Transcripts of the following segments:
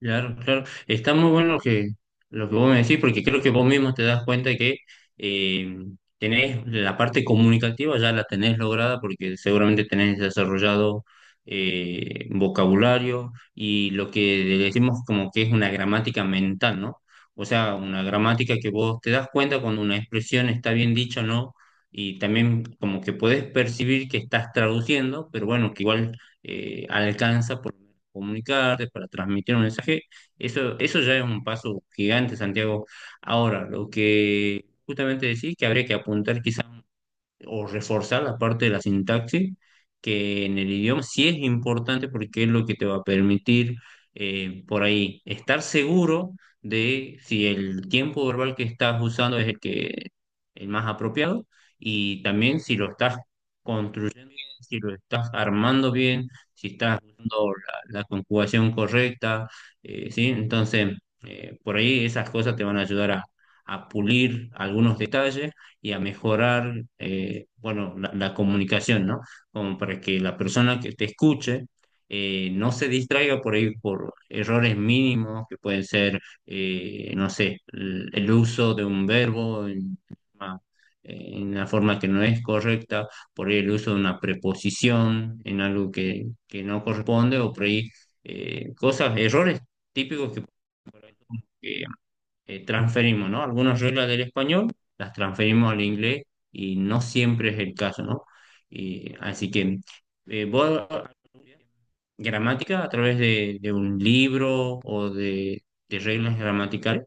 Claro, claro. Está muy bueno lo que vos me decís, porque creo que vos mismo te das cuenta que eh, tenés la parte comunicativa, ya la tenés lograda, porque seguramente tenés desarrollado vocabulario y lo que le decimos como que es una gramática mental, ¿no? O sea, una gramática que vos te das cuenta cuando una expresión está bien dicha o no, y también como que podés percibir que estás traduciendo, pero bueno, que igual alcanza. Comunicarte, para transmitir un mensaje, eso ya es un paso gigante, Santiago. Ahora, lo que justamente decís que habría que apuntar quizás o reforzar la parte de la sintaxis, que en el idioma sí es importante porque es lo que te va a permitir, por ahí estar seguro de si el tiempo verbal que estás usando es el más apropiado, y también si lo estás construyendo bien, si lo estás armando bien, si estás usando la conjugación correcta, ¿sí? Entonces, por ahí esas cosas te van a ayudar a pulir algunos detalles y a mejorar, bueno, la comunicación, ¿no? Como para que la persona que te escuche no se distraiga por ahí por errores mínimos que pueden ser, no sé, el uso de un verbo en una, en una forma que no es correcta, por ahí el uso de una preposición en algo que no corresponde, o por ahí cosas, errores típicos que transferimos, ¿no? Algunas reglas del español las transferimos al inglés y no siempre es el caso, ¿no? Y, así que vos gramática a través de un libro o de reglas gramaticales.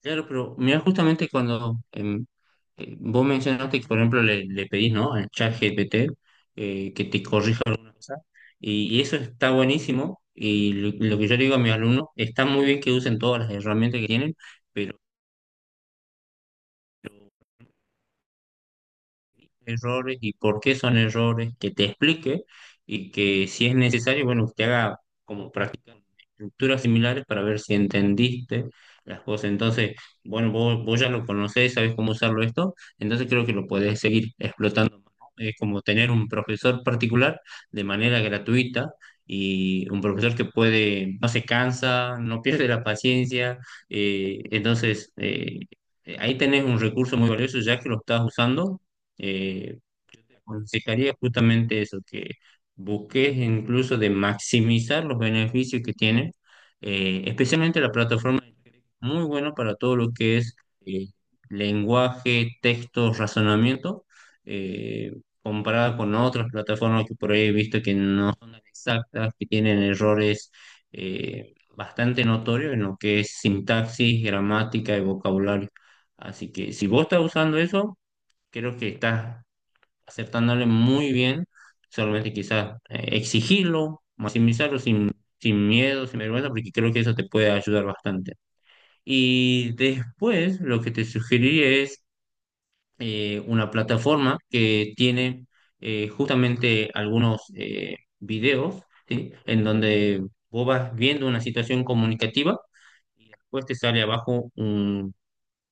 Claro, pero mira, justamente cuando vos mencionaste que, por ejemplo, le pedís, ¿no? al chat GPT que te corrija alguna cosa, y eso está buenísimo. Y lo que yo le digo a mis alumnos, está muy bien que usen todas las herramientas que tienen, errores y por qué son errores, que te explique, y que si es necesario, bueno, usted haga como practicar estructuras similares para ver si entendiste las cosas. Entonces, bueno, vos ya lo conocés, sabés cómo usarlo esto, entonces creo que lo podés seguir explotando más, ¿no? Es como tener un profesor particular de manera gratuita, y un profesor que puede, no se cansa, no pierde la paciencia, eh, entonces... eh, Ahí tenés un recurso muy valioso ya que lo estás usando. eh, yo te aconsejaría justamente eso, que busques incluso de maximizar los beneficios que tiene, especialmente la plataforma de Telegram, muy bueno para todo lo que es eh, lenguaje, texto, razonamiento, eh, comparada con otras plataformas que por ahí he visto que no son tan exactas, que tienen errores bastante notorios en lo que es sintaxis, gramática y vocabulario. Así que si vos estás usando eso, creo que estás acertándole muy bien, solamente quizás exigirlo, maximizarlo sin, sin miedo, sin vergüenza, porque creo que eso te puede ayudar bastante. Y después lo que te sugeriría es una plataforma que tiene justamente algunos videos, ¿sí? En donde vos vas viendo una situación comunicativa y después te sale abajo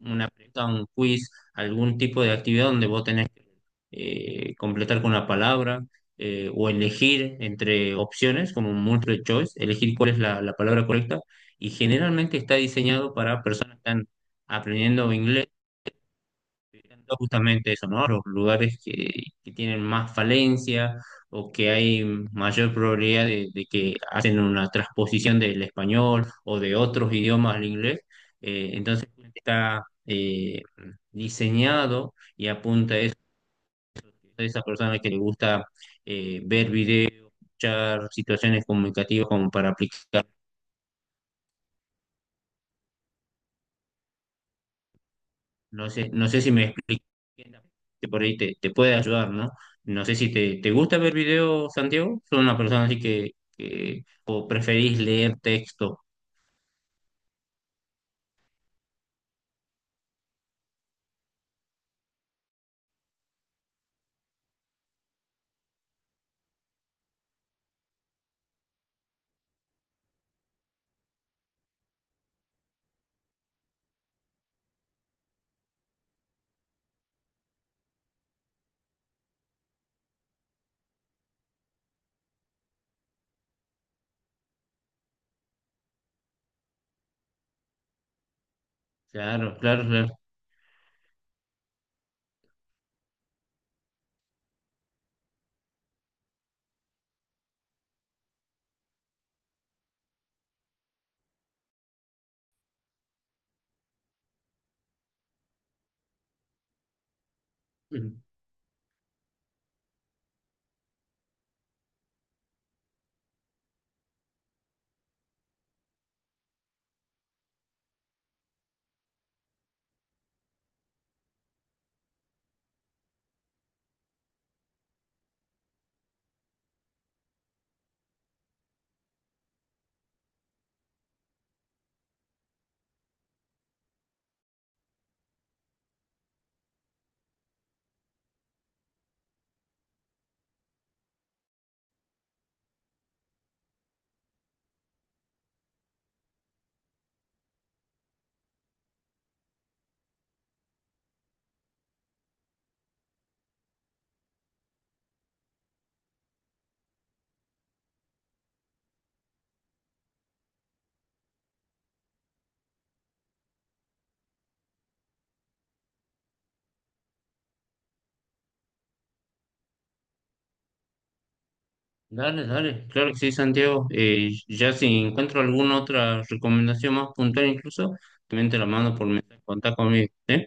una pregunta, un quiz, algún tipo de actividad donde vos tenés que completar con una palabra o elegir entre opciones, como un multiple choice, elegir cuál es la palabra correcta. Y generalmente está diseñado para personas que están aprendiendo inglés viendo justamente eso, ¿no? Los lugares que tienen más falencia o que hay mayor probabilidad de que hacen una transposición del español o de otros idiomas al inglés. Entonces está diseñado y apunta a eso, a esa persona que le gusta ver videos, escuchar situaciones comunicativas como para aplicar. No sé, no sé si me explico, que por ahí te puede ayudar, ¿no? No sé si te gusta ver videos, Santiago. ¿Son una persona así que- o preferís leer texto? Claro, claro, claro. Dale, dale, claro que sí, Santiago. Ya si encuentro alguna otra recomendación más puntual incluso, también te la mando por mensaje, contá conmigo, ¿sí?